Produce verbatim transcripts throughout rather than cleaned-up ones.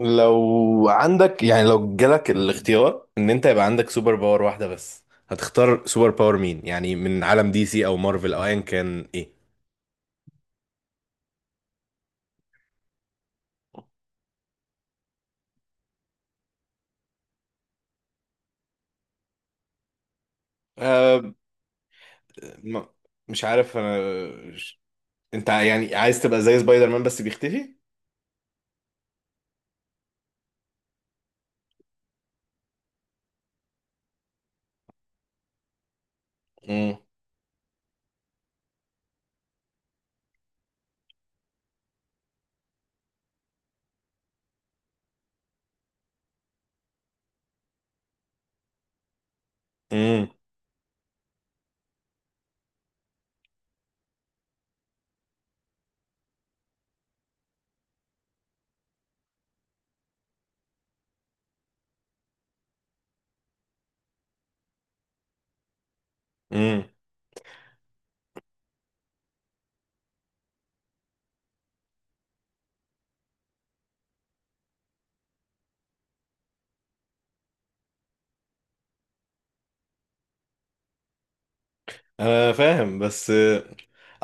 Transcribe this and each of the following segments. لو عندك، يعني لو جالك الاختيار ان انت يبقى عندك سوبر باور واحدة بس، هتختار سوبر باور مين؟ يعني من عالم دي سي او مارفل او ايا كان؟ ايه؟ أه. ما- مش عارف انا. انت يعني عايز تبقى زي سبايدر مان بس بيختفي؟ مم. امم، امم. انا فاهم، بس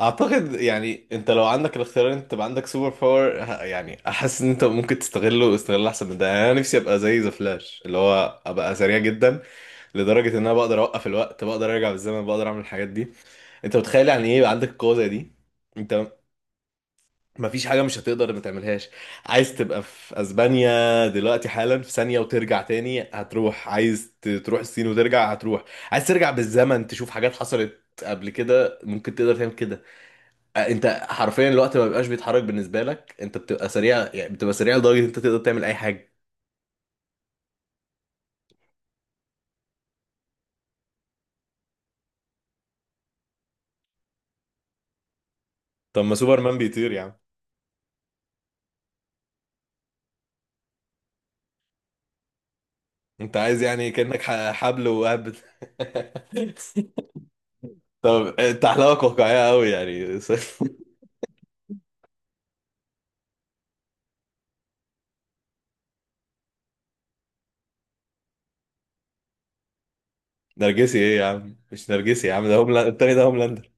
اعتقد يعني انت لو عندك الاختيار إن انت تبقى عندك سوبر باور، ه- يعني احس ان انت ممكن تستغله استغلال احسن من ده. يعني انا نفسي ابقى زي ذا فلاش، اللي هو ابقى سريع جدا لدرجه ان انا بقدر اوقف الوقت، بقدر ارجع بالزمن، بقدر اعمل الحاجات دي. انت متخيل يعني ايه يبقى عندك القوه زي دي؟ انت مفيش حاجه مش هتقدر ما تعملهاش. عايز تبقى في اسبانيا دلوقتي حالا؟ في ثانيه وترجع تاني. هتروح، عايز ت- تروح الصين وترجع؟ هتروح. عايز ترجع بالزمن تشوف حاجات حصلت قبل كده؟ ممكن تقدر تعمل كده. أ- انت حرفيا الوقت ما بيبقاش بيتحرك بالنسبه لك. انت بتبقى سريع، يعني بتبقى سريع لدرجه ان انت تقدر تعمل اي حاجه. طب ما سوبرمان بيطير يا عم. انت عايز يعني كانك ح- حبل وقاعد بت- طب، آه، انت احلامك واقعية قوي يعني. نرجسي ايه يا عم؟ مش نرجسي يا عم، ده هوملاند التاني، ده هوملاندر.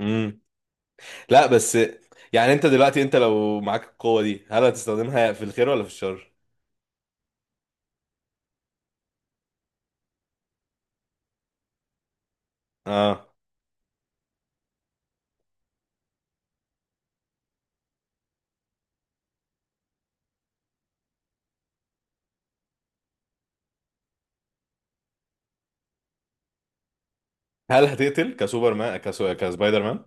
امم. لا، بس يعني انت دلوقتي، انت لو معاك القوة دي، هل هتستخدمها في الخير ولا في الشر؟ اه. هل هتقتل كسوبر مان، كسو... كسبايدر مان؟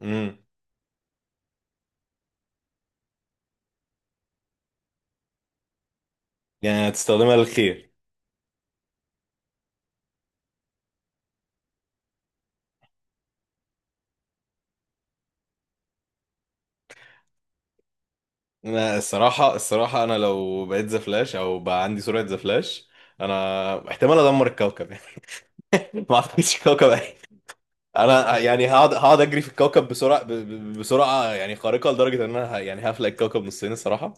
امم. يعني هتستخدمها للخير. انا الصراحة، الصراحة انا لو بقيت ذا فلاش او بقى عندي سرعة ذا فلاش، انا احتمال ادمر الكوكب. يعني ما اعتقدش الكوكب. انا يعني هقعد هقعد اجري في الكوكب بسرعه ب- ب- بسرعه يعني خارقه لدرجه ان انا ه- يعني هفلق الكوكب نصين، الصراحه.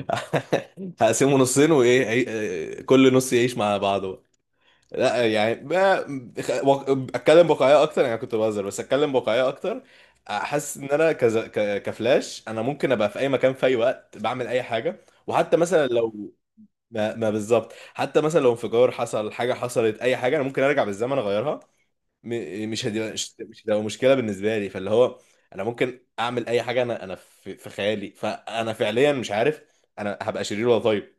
هقسمه نصين، وايه هي- كل نص يعيش مع بعضه بقى. لا يعني ب- خ- واق- اتكلم بواقعيه اكتر، يعني كنت بهزر، بس اتكلم بواقعيه اكتر. احس ان انا كز... ك... كفلاش، انا ممكن ابقى في اي مكان في اي وقت، بعمل اي حاجه. وحتى مثلا لو ما, ما بالظبط، حتى مثلا لو انفجار حصل، حاجه حصلت، اي حاجه، انا ممكن ارجع بالزمن اغيرها. م- مش هتبقى مش مش هتبقى مشكله بالنسبه لي، فاللي هو انا ممكن اعمل اي حاجه. انا انا في في خيالي. فانا فعليا مش عارف انا هبقى شرير ولا طيب.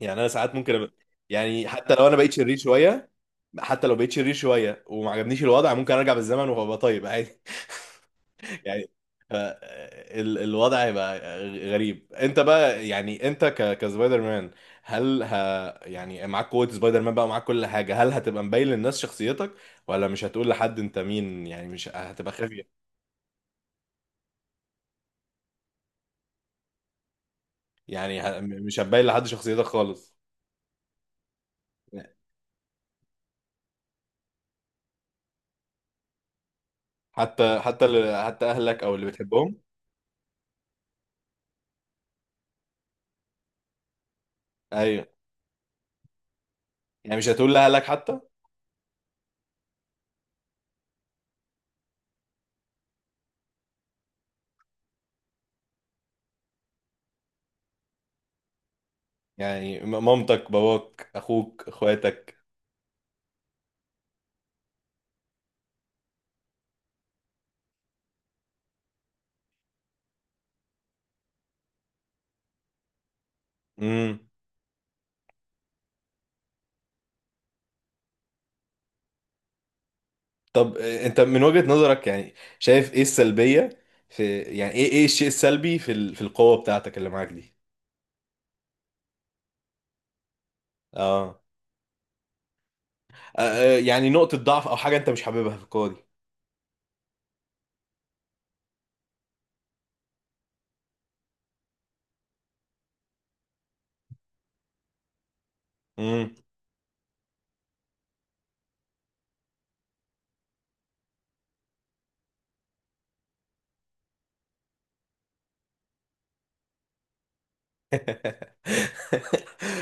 يعني انا ساعات ممكن أبقى، يعني حتى لو انا بقيت شرير شويه، حتى لو بقيت شرير شويه وما عجبنيش الوضع، ممكن ارجع بالزمن وابقى طيب عادي. يعني ف- ال- الوضع هيبقى غريب. انت بقى، يعني انت ك كسبايدر مان، هل ه يعني معاك قوة سبايدر مان بقى، ومعاك كل حاجة، هل هتبقى مبين للناس شخصيتك، ولا مش هتقول لحد انت مين؟ يعني مش هتبقى خافية. يعني ه- مش هتبين لحد شخصيتك خالص؟ حتى حتى ال- حتى اهلك او اللي بتحبهم؟ ايوه. يعني مش هتقول لاهلك حتى؟ يعني م- مامتك، باباك، اخوك، اخواتك؟ امم. طب، آه، انت من وجهة نظرك يعني شايف ايه السلبية في، يعني، ايه ايه الشيء السلبي في ال... في القوة بتاعتك اللي معاك دي؟ اه. آه، آه، يعني نقطة ضعف او حاجة انت مش حاببها في القوة دي؟ امم.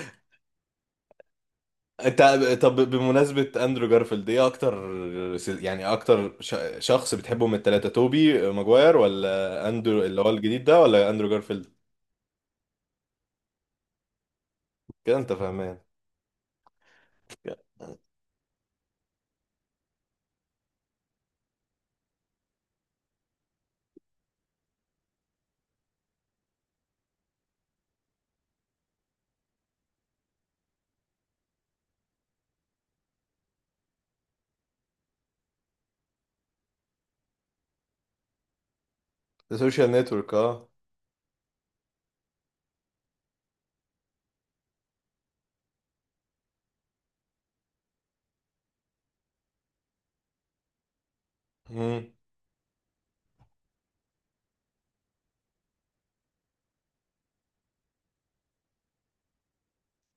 انت، طب بمناسبة اندرو جارفيلد، ايه اكتر سل- يعني اكتر ش... شخص بتحبه من التلاتة؟ توبي آه، ماجواير، ولا اندرو اللي هو الجديد ده، ولا اندرو جارفيلد؟ كده انت فاهمان. ده سوشيال نتورك، اه. امم.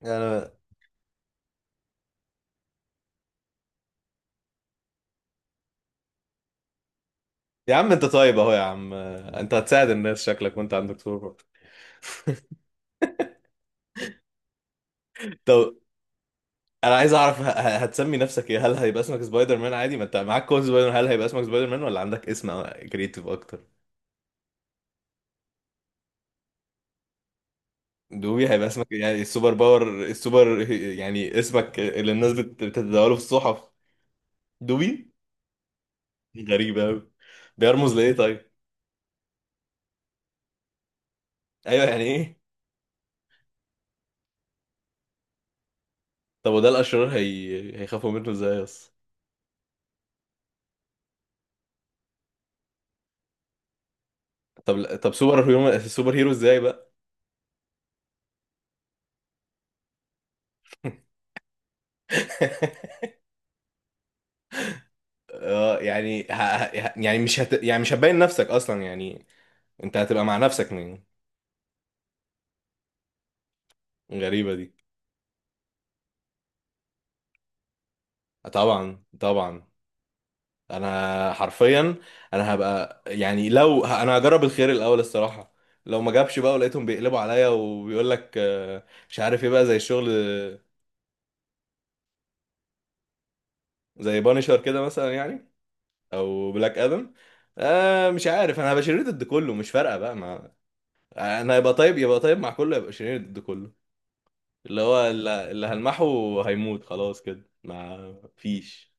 انا يا عم انت طيب اهو يا عم، انت هتساعد الناس شكلك، وانت عندك سوبر. طب انا عايز اعرف ه- ه- هتسمي نفسك ايه؟ هل هيبقى اسمك سبايدر مان عادي ما انت معاك كود سبايدر مان؟ هل هيبقى اسمك سبايدر مان، ولا عندك اسم كريتيف اكتر؟ دوبي هيبقى اسمك؟ يعني السوبر باور، السوبر، يعني اسمك اللي الناس بت- بتتداوله في الصحف. دوبي. غريبة قوي. بيرمز لايه طيب؟ ايوه، يعني ايه؟ طب وده الاشرار هي... هيخافوا منه ازاي اصلا؟ طب، طب، سوبر هيرو سوبر هيرو ازاي بقى؟ اه، يعني ه... يعني مش هت... يعني مش هتبين نفسك اصلا يعني؟ انت هتبقى مع نفسك من. غريبة دي. آه، طبعا، طبعا. انا حرفيا، انا هبقى يعني لو ه- انا هجرب الخير الاول الصراحة. لو ما جابش بقى ولقيتهم بيقلبوا عليا وبيقول لك آه، مش عارف ايه بقى زي الشغل آه، زي بانشر كده مثلا يعني، او بلاك ادم. آه مش عارف، انا هبقى شرير ضد كله، مش فارقة بقى ما. انا يبقى طيب يبقى طيب مع كله، يبقى شرير ضد كله. اللي هو اللي اللي هلمحه هيموت خلاص كده، ما فيش.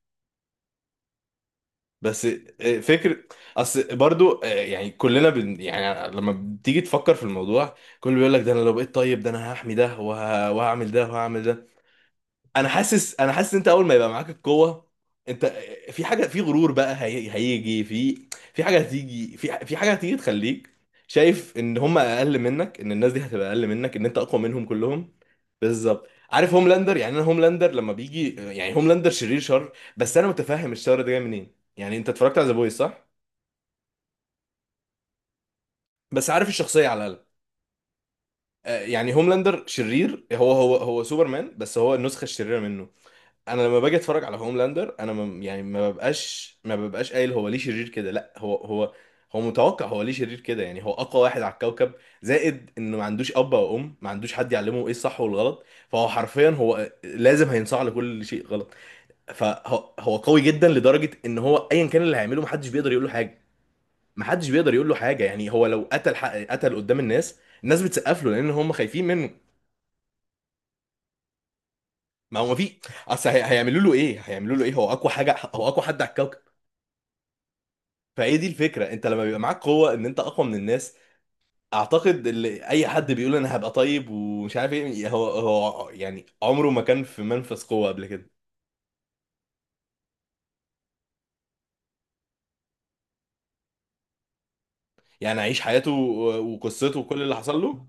بس آه، فكرة. اصل برضو، آه، يعني كلنا بن يعني لما بتيجي تفكر في الموضوع، كله بيقول لك ده انا لو بقيت طيب ده انا هحمي ده وه... وهعمل ده وهعمل ده. انا حاسس انا حاسس ان انت اول ما يبقى معاك القوه، انت في حاجه، في غرور بقى هي... هيجي في، في حاجه هتيجي، في في حاجه هتيجي تخليك شايف ان هم اقل منك، ان الناس دي هتبقى اقل منك، ان انت اقوى منهم كلهم. بالظبط. عارف هوملاندر؟ يعني انا هوملاندر لما بيجي، يعني هوملاندر شرير شر، بس انا متفهم الشر ده جاي منين. يعني انت اتفرجت على ذا بويز؟ صح. بس عارف الشخصيه على الاقل. آه، يعني هوملاندر شرير. هو هو هو سوبرمان، بس هو النسخه الشريره منه. انا لما باجي اتفرج على هوملاندر، انا ما يعني ما ببقاش ما ببقاش قايل هو ليه شرير كده. لا، هو هو هو متوقع. هو ليه شرير كده؟ يعني هو اقوى واحد على الكوكب. زائد انه ما عندوش اب او ام، ما عندوش حد يعلمه ايه الصح والغلط، فهو حرفيا هو لازم هينصاع لكل شيء غلط. فهو هو قوي جدا لدرجة ان هو ايا كان اللي هيعمله، محدش بيقدر يقول له حاجة. محدش بيقدر يقول له حاجة. يعني هو لو قتل حق قتل قدام الناس، الناس بتسقف له لان هم خايفين منه. ما هو ما في. اصل هي- هيعملوا له ايه؟ هيعملوا له ايه؟ هو اقوى حاجة، هو اقوى حد على الكوكب. فايه دي الفكره، انت لما بيبقى معاك قوه، ان انت اقوى من الناس. اعتقد اللي اي حد بيقول انا هبقى طيب ومش عارف ايه، هو هو يعني عمره ما كان في منفذ قوه قبل كده. يعني عيش حياته و- وقصته وكل اللي حصل له.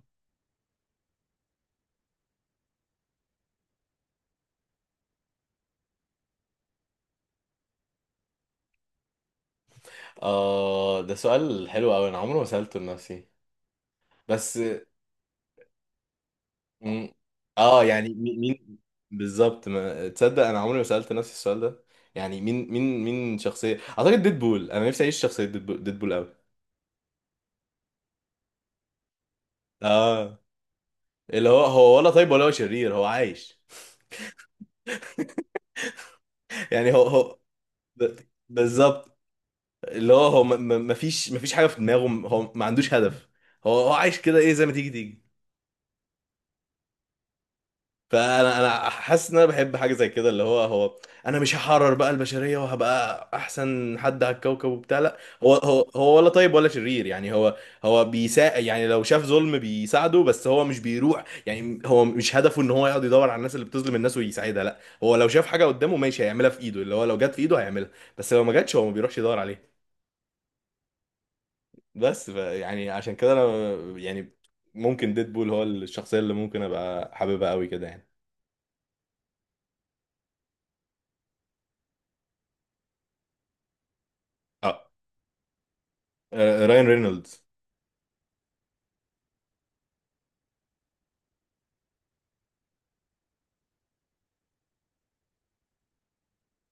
اه، ده سؤال حلو قوي، انا عمري ما سالته لنفسي. بس م- اه يعني مي- مين بالظبط؟ ما تصدق انا عمري ما سالت نفسي السؤال ده. يعني مين، مين مين شخصيه؟ اعتقد ديدبول. انا نفسي اعيش شخصيه ديدبول. ديدبول قوي. اه، اللي هو هو ولا طيب ولا هو شرير، هو عايش. يعني هو هو ب- بالظبط. اللي هو هو ما ما- ما فيش ما فيش حاجه في دماغه. هو ما عندوش هدف. هو هو عايش كده، ايه زي ما تيجي تيجي. فانا انا حاسس ان انا بحب حاجه زي كده. اللي هو هو انا مش هحرر بقى البشريه وهبقى احسن حد على الكوكب وبتاع، لا. هو هو هو ولا طيب ولا شرير، يعني. هو هو بيساعد، يعني لو شاف ظلم بيساعده، بس هو مش بيروح. يعني هو مش هدفه ان هو يقعد يدور على الناس اللي بتظلم الناس ويساعدها. لا، هو لو شاف حاجه قدامه ماشي هيعملها في ايده، اللي هو لو جت في ايده هيعملها. بس لو ما جاتش هو ما بيروحش يدور عليها. بس ف يعني عشان كده انا يعني ممكن ديدبول هو الشخصيه اللي ممكن ابقى حاببها قوي كده، يعني. اه، آه، رايان رينولدز.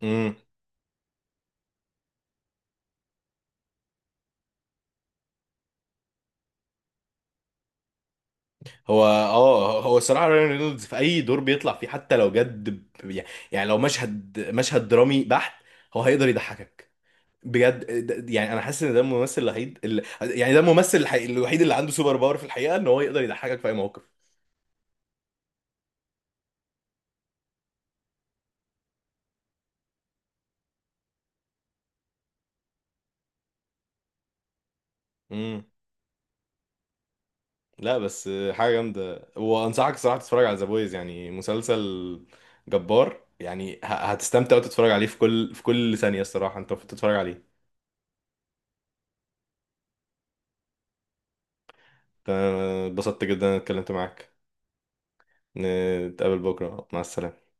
امم. هو اه هو الصراحه رايان رينولدز في اي دور بيطلع فيه، حتى لو جد ب- يعني، يعني لو مشهد مشهد درامي بحت، هو هيقدر يضحكك، بجد. ده- يعني انا حاسس ان ده الممثل الوحيد اللي، يعني ده الممثل الحقيقي- الوحيد اللي عنده سوبر باور في الحقيقه، ان هو يقدر يضحكك في اي موقف. امم. لا بس حاجة جامدة، وأنصحك الصراحة تتفرج على ذا بويز. يعني مسلسل جبار، يعني ه- هتستمتع وتتفرج عليه في كل، في كل ثانية الصراحة. أنت المفروض تتفرج عليه. أنا اتبسطت جدا إن أنا اتكلمت معاك. نتقابل بكرة. مع السلامة.